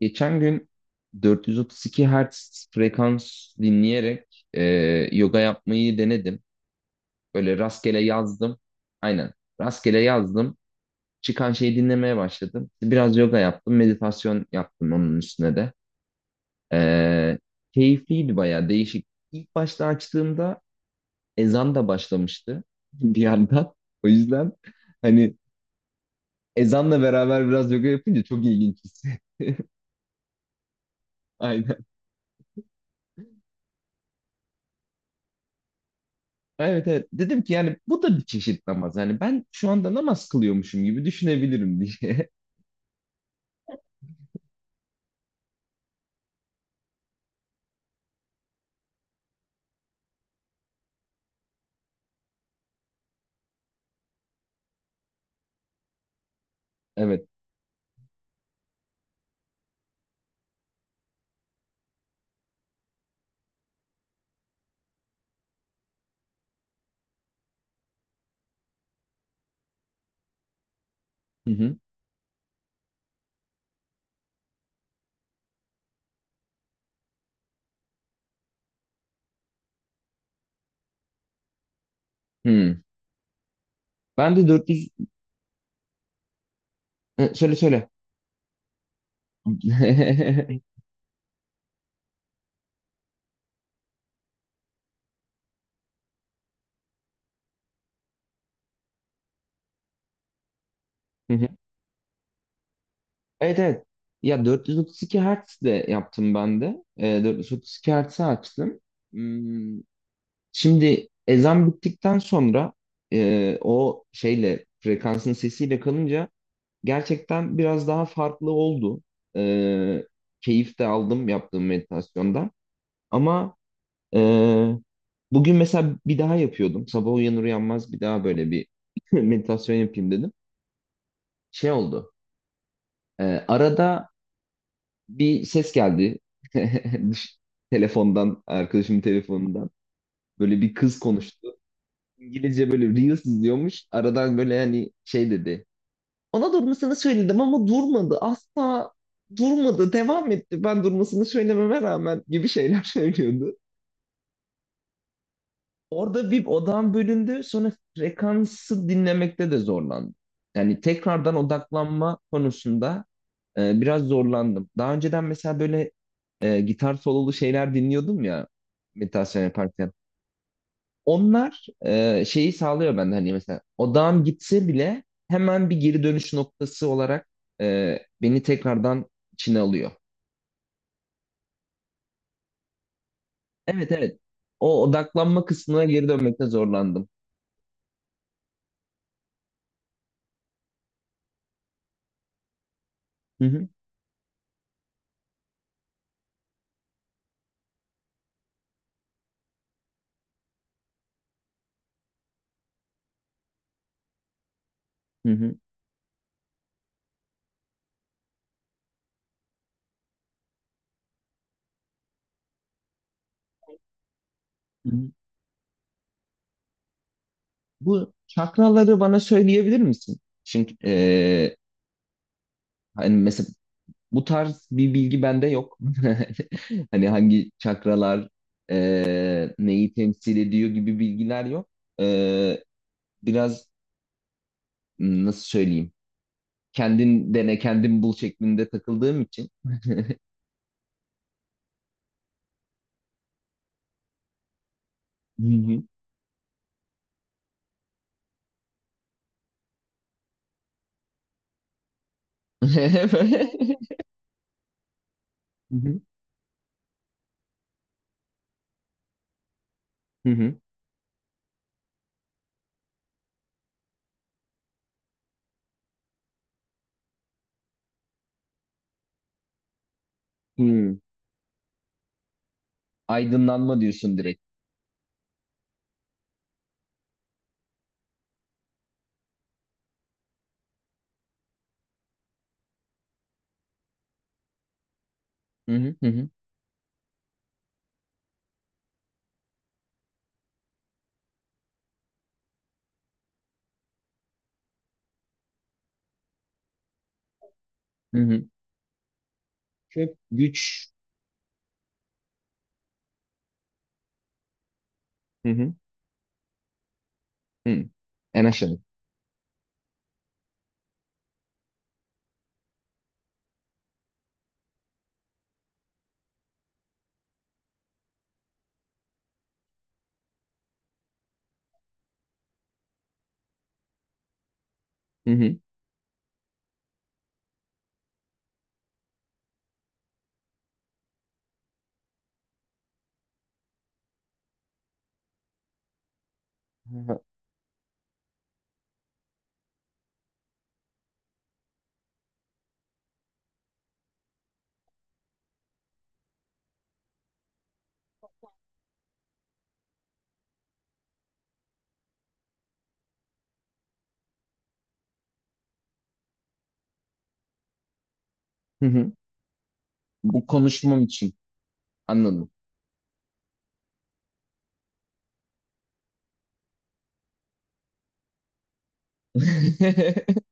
Geçen gün 432 Hz frekans dinleyerek yoga yapmayı denedim. Böyle rastgele yazdım. Aynen. Rastgele yazdım. Çıkan şeyi dinlemeye başladım. Biraz yoga yaptım. Meditasyon yaptım onun üstüne de. E, Keyifliydi, bayağı değişik. İlk başta açtığımda ezan da başlamıştı bir yandan. O yüzden hani ezanla beraber biraz yoga yapınca çok ilginç hissi. Aynen. Evet evet, dedim ki yani bu da bir çeşit namaz. Yani ben şu anda namaz kılıyormuşum gibi düşünebilirim diye. Evet. Hı hı. Hı. Ben de 400. Hı, söyle söyle. Hı hı. Evet evet. Ya 432 Hz de yaptım ben de. 432 Hz'i açtım. Hmm, Şimdi ezan bittikten sonra o şeyle, frekansın sesiyle kalınca gerçekten biraz daha farklı oldu. Ee, Keyif de aldım yaptığım meditasyondan. Ama e, bugün mesela bir daha yapıyordum. Sabah uyanır uyanmaz bir daha böyle bir meditasyon yapayım dedim. Şey oldu. Arada bir ses geldi. Düş- Telefondan, arkadaşımın telefonundan. Böyle bir kız konuştu. İngilizce böyle Reels izliyormuş. Aradan böyle hani şey dedi. Ona durmasını söyledim ama durmadı. Asla durmadı. Devam etti. Ben durmasını söylememe rağmen gibi şeyler söylüyordu. Orada bir odam bölündü. Sonra frekansı dinlemekte de zorlandım. Yani tekrardan odaklanma konusunda biraz zorlandım. Daha önceden mesela böyle gitar sololu şeyler dinliyordum ya, meditasyon yaparken. Onlar şeyi sağlıyor bende, hani mesela odağım gitse bile hemen bir geri dönüş noktası olarak beni tekrardan içine alıyor. Evet evet. O odaklanma kısmına geri dönmekte zorlandım. Hı hı hı hı. Hı hı. Bu çakraları bana söyleyebilir misin? Çünkü hani mesela bu tarz bir bilgi bende yok. Hani hangi çakralar neyi temsil ediyor gibi bilgiler yok. E, Biraz, nasıl söyleyeyim? Kendin dene, kendin bul şeklinde takıldığım için. Hı hı. Hı hı. Hı hı. Hı. Aydınlanma diyorsun direkt. Hı hı hı hı. Hı hı. Kök, güç. Hı hı. Hı. En aşağı. Hı hı. Hı hı. Bu konuşmam için. Anladım.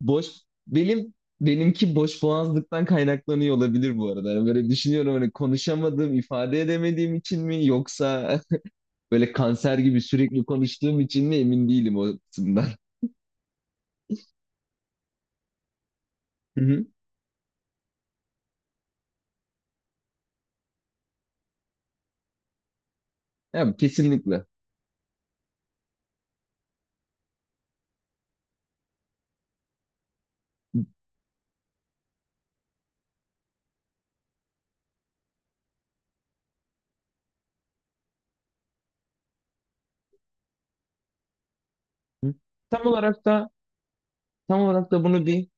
Boş benim benimki boş boğazlıktan kaynaklanıyor olabilir bu arada. Yani böyle düşünüyorum hani konuşamadığım, ifade edemediğim için mi, yoksa böyle kanser gibi sürekli konuştuğum için mi, emin değilim o kısımdan. Hı hı. Ya, kesinlikle. Hı. Tam olarak da tam olarak da bunu bir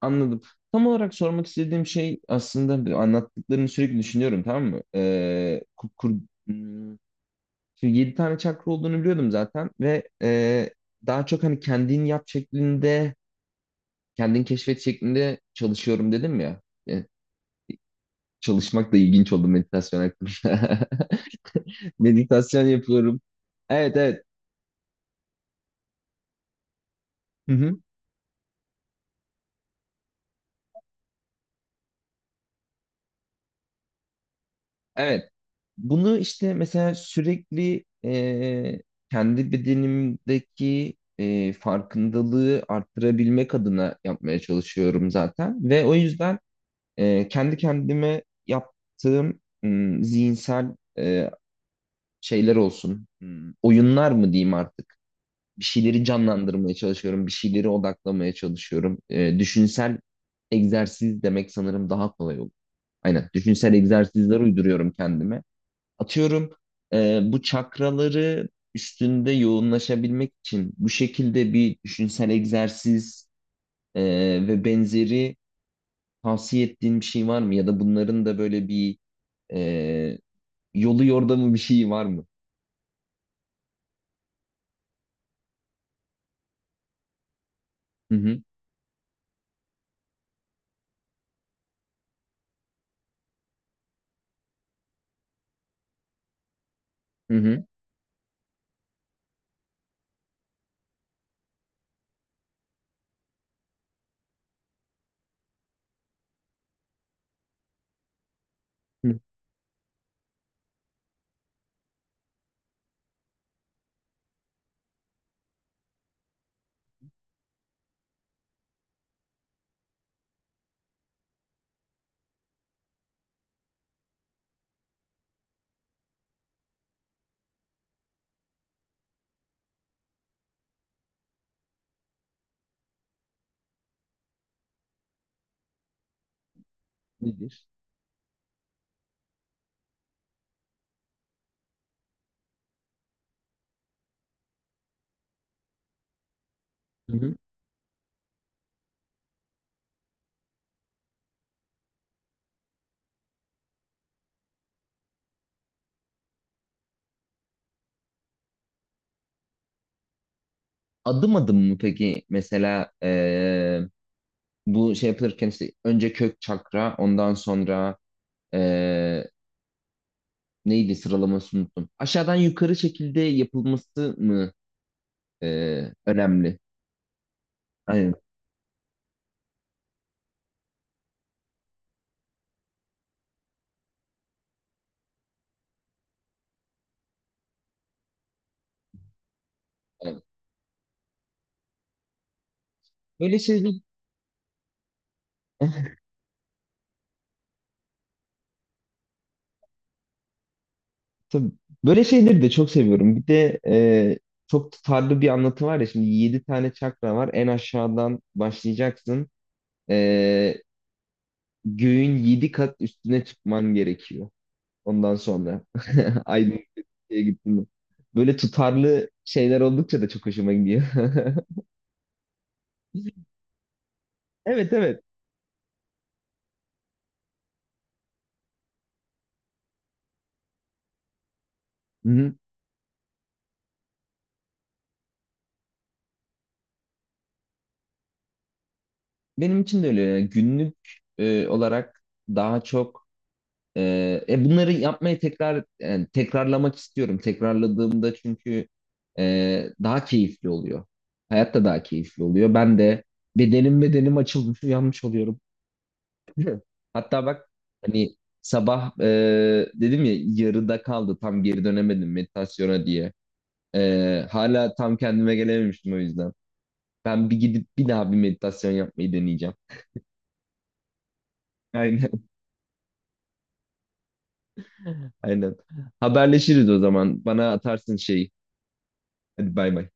anladım. Tam olarak sormak istediğim şey aslında, bir, anlattıklarını sürekli düşünüyorum, tamam mı? Hmm, Şimdi 7 tane çakra olduğunu biliyordum zaten, ve daha çok hani kendin yap şeklinde, kendin keşfet şeklinde çalışıyorum dedim ya. E, Çalışmak da ilginç oldu meditasyon hakkında. Meditasyon yapıyorum. Evet evet. Hı hı. Evet. Bunu işte mesela sürekli kendi bedenimdeki farkındalığı arttırabilmek adına yapmaya çalışıyorum zaten. Ve o yüzden kendi kendime yaptığım zihinsel şeyler olsun. Oyunlar mı diyeyim artık? Bir şeyleri canlandırmaya çalışıyorum, bir şeyleri odaklamaya çalışıyorum. Düşünsel egzersiz demek sanırım daha kolay olur. Aynen, düşünsel egzersizler uyduruyorum kendime. Atıyorum, bu çakraları üstünde yoğunlaşabilmek için bu şekilde bir düşünsel egzersiz e, ve benzeri tavsiye ettiğin bir şey var mı? Ya da bunların da böyle bir Ee, yolu yordamı bir şey var mı? Hı hı. Hı hı. Hı. Nedir? Hı. Hı. Adım adım mı peki? Mesela bu şey yapılırken işte önce kök çakra, ondan sonra ee, neydi, sıralamasını unuttum. Aşağıdan yukarı şekilde yapılması mı önemli? Aynen. Aynen. Böyle şeyler. Tabii. Böyle şeyleri de çok seviyorum. Bir de çok tutarlı bir anlatı var ya. Şimdi 7 tane çakra var. En aşağıdan başlayacaksın. E, Göğün yedi kat üstüne çıkman gerekiyor. Ondan sonra aydınlık bir şeye gittin mi? Böyle tutarlı şeyler oldukça da çok hoşuma gidiyor. Evet evet. Hı-hı. Benim için de öyle. Yani günlük olarak daha çok e, bunları yapmayı tekrar, yani tekrarlamak istiyorum. Tekrarladığımda çünkü daha keyifli oluyor. Hayat da daha keyifli oluyor. Ben de bedenim açılmış, uyanmış oluyorum. Hatta bak, hani sabah dedim ya, yarıda kaldı, tam geri dönemedim meditasyona diye. Hala tam kendime gelememiştim o yüzden. Ben bir gidip bir daha bir meditasyon yapmayı deneyeceğim. Aynen aynen. Haberleşiriz o zaman. Bana atarsın şey. Hadi bay bay.